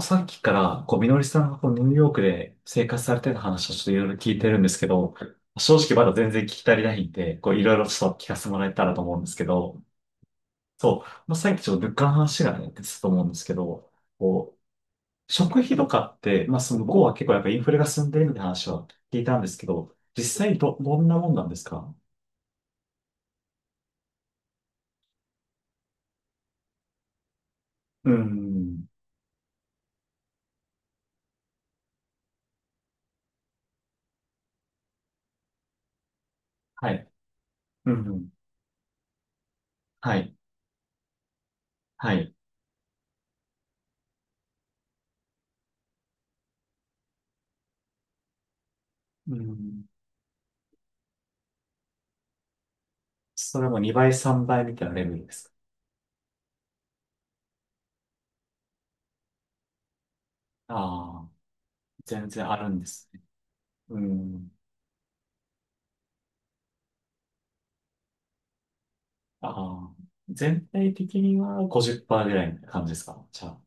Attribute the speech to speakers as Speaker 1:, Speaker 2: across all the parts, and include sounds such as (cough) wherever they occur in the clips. Speaker 1: さっきから、みのりさんがニューヨークで生活されてた話をちょっといろいろ聞いてるんですけど、正直まだ全然聞き足りないんで、いろいろちょっと聞かせてもらえたらと思うんですけど、さっきちょっと物価の話がね、出てたと思うんですけど、こ食費とかって、まあ、その向こうは結構やっぱインフレが進んでるみたいな話は聞いたんですけど、実際どんなもんなんですか？うん。はい。うん。はい。はい。うん。それも2倍、3倍みたいなレベルですか？ああー、全然あるんです。うん。ああ、全体的には50%ぐらいな感じですか？じゃあ、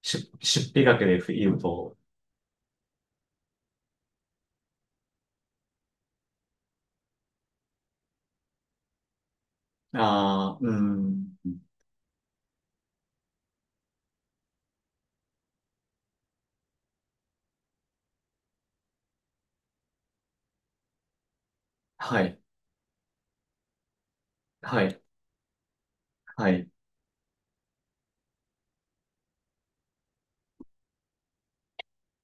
Speaker 1: 出費額で言うと、ああ、うん。はい、はい、はい。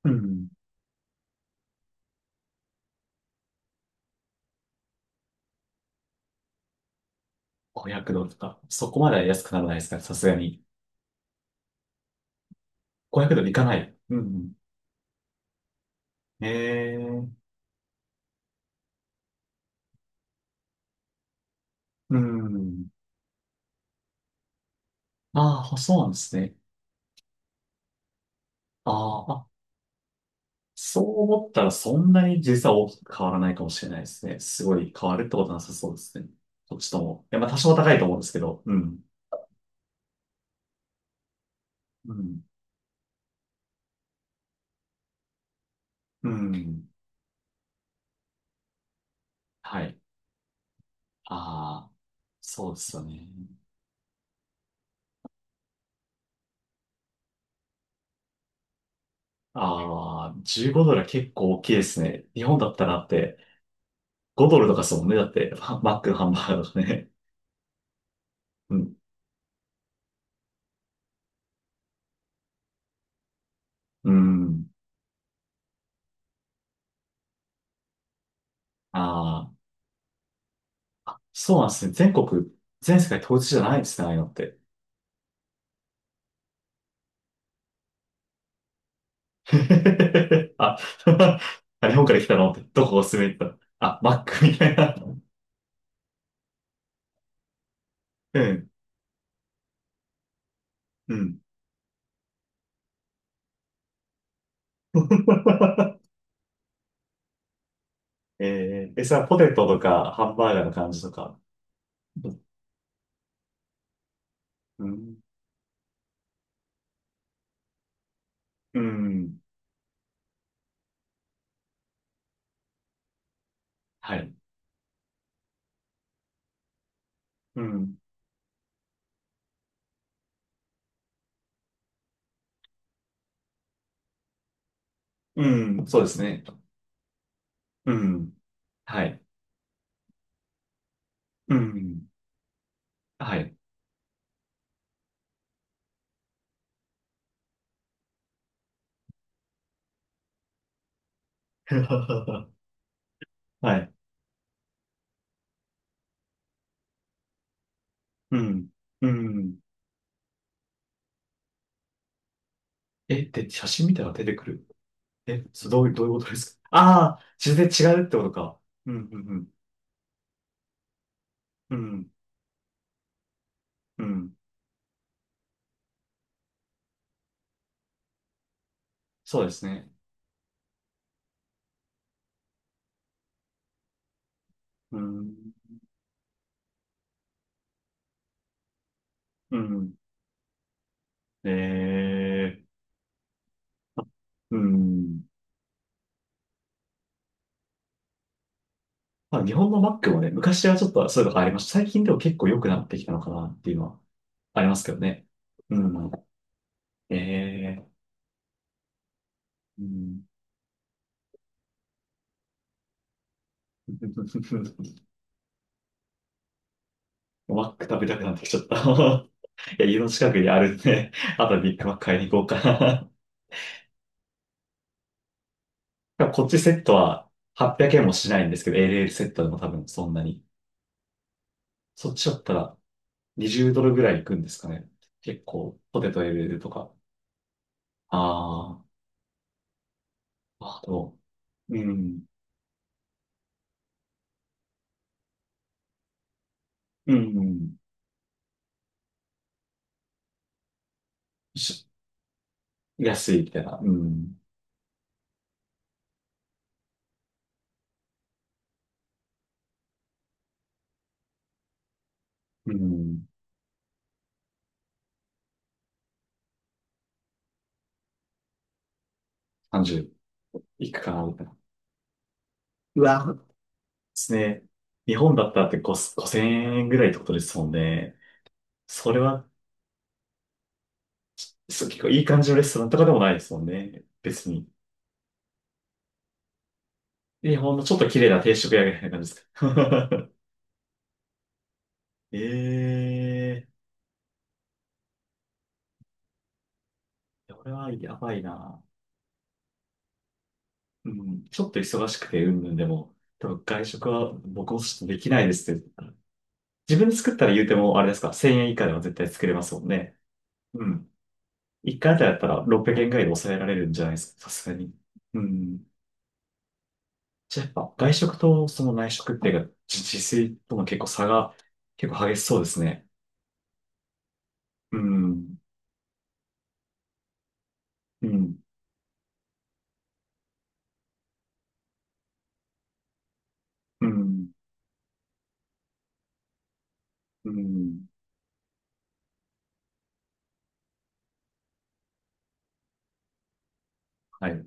Speaker 1: うん。500ドルとか、そこまでは安くならないですか、さすがに。500ドルいかない。うん。ええ、うん。ああ、そうなんですね。あーあ、そう思ったらそんなに実は大きく変わらないかもしれないですね。すごい変わるってことなさそうですね。どっちとも。いや、まあ多少高いと思うんですけど。うん。うん。うん。はい。ああ、そうですよね。ああ、15ドルは結構大きいですね。日本だったらだって5ドルとかですもんね。だって、(laughs) マックのハンバーガーとかね。(laughs) うん。うん。ああ、そうなんですね。全国、全世界統一じゃないんですね、ああいうのって。(laughs) あ、(laughs) あ、日本から来たのって、どこおすすめって言ったら、あ、マックみたいな。うん。うん。(laughs) えー、え、それはポテトとかハンバーガーの感じとか？うん。うん。はい。うん。うん。そうですね。うん。はい。うん。はい。(laughs) はい。うん。うん。え、で、写真見たら出てくる。え、どういう、どういうことですか？ああー、全然違うってことか。うん。うん。うん。うん。うん。そうですね。うん。うん。えー。うん。まあ、日本のマックもね、昔はちょっとそういうのがありました。最近でも結構良くなってきたのかなっていうのはありますけどね。うん。ええ。うん。 (laughs) マック食べたくなってきちゃった。 (laughs) いや、家の近くにあるんで、(laughs) あとビッグマック買いに行こうかな。 (laughs) こっちセットは800円もしないんですけど、LL セットでも多分そんなに。そっちだったら20ドルぐらいいくんですかね。結構、ポテト LL とか。ああ、あと、うん、うん、うん、し安いみたいな。うん、うん、30いくかな、みたいな。うわ、ですね。日本だったらって5 5000円ぐらいってことですもんね。それは、そう、結構いい感じのレストランとかでもないですもんね、別に。でほんのちょっと綺麗な定食屋みたいな感じです。(laughs) ええー、これはやばいな。うん、ちょっと忙しくて、うんぬんでも、多分外食は僕もちょっとできないですって。自分で作ったら言うても、あれですか、1000円以下では絶対作れますもんね。うん。1回あたりだったら600円ぐらいで抑えられるんじゃないですか、さすがに。うん。じゃあやっぱ外食とその内食っていうか、自炊との結構差が結構激しそうですね。うん。うん、うん、うん、はい。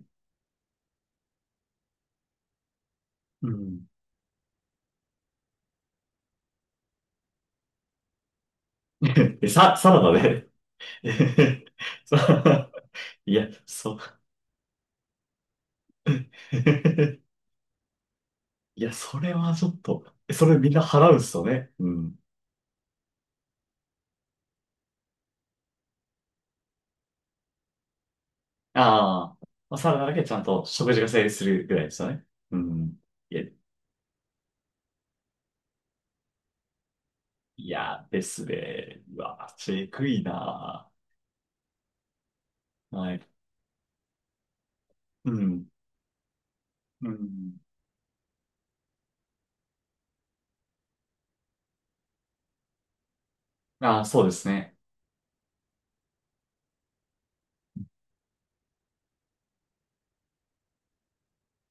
Speaker 1: うん。(laughs) え、サラダで？ (laughs) さいや、う。 (laughs) いや、それはちょっと、それみんな払うんですよね。うん。ああ、まあ、サラダだけちゃんと食事が成立するぐらいですよね。うん。いや、いやですね。うわ、ちえくいな。はい。うん。うん。ああ、そうですね。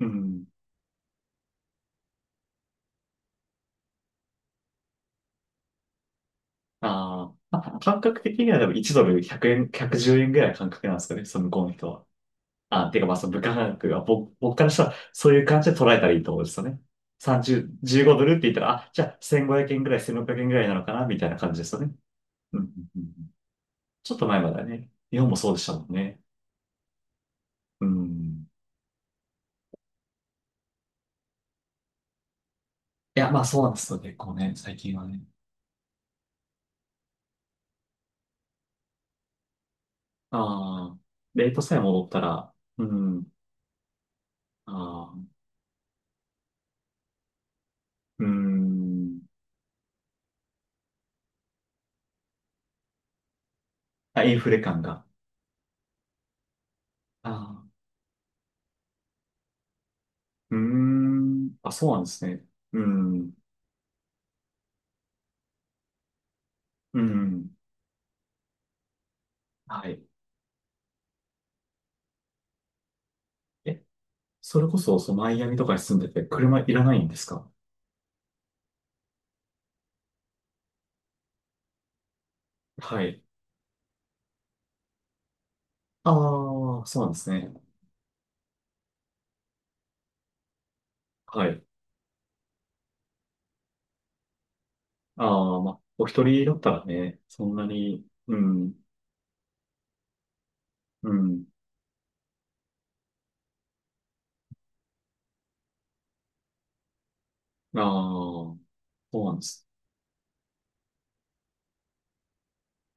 Speaker 1: うん。あーあ、感覚的にはでも1ドル100円、110円ぐらいの感覚なんですかね、その向こうの人は。あ、ていうかまあその物価感覚は僕からしたらそういう感じで捉えたらいいと思うんですよね。30、15ドルって言ったら、あ、じゃあ1500円ぐらい、1600円ぐらいなのかな、みたいな感じですよね。うんうんうんうん。ちょっと前まではね、日本もそうでしたもんね。うん。いや、まあそうなんですよ、結構ね、最近はね。ああ、レートさえ戻ったら、うん、ああ、うん、あ、インフレ感が。ああ、うーん。あ、そうなんですね。うん。うん。はい。え、それこそ、そのマイアミとかに住んでて、車いらないんですか？はい。ああ、そうなんですね。はい。ああ、まあ、お一人だったらね、そんなに、うん、うん。ああ、そうなんです。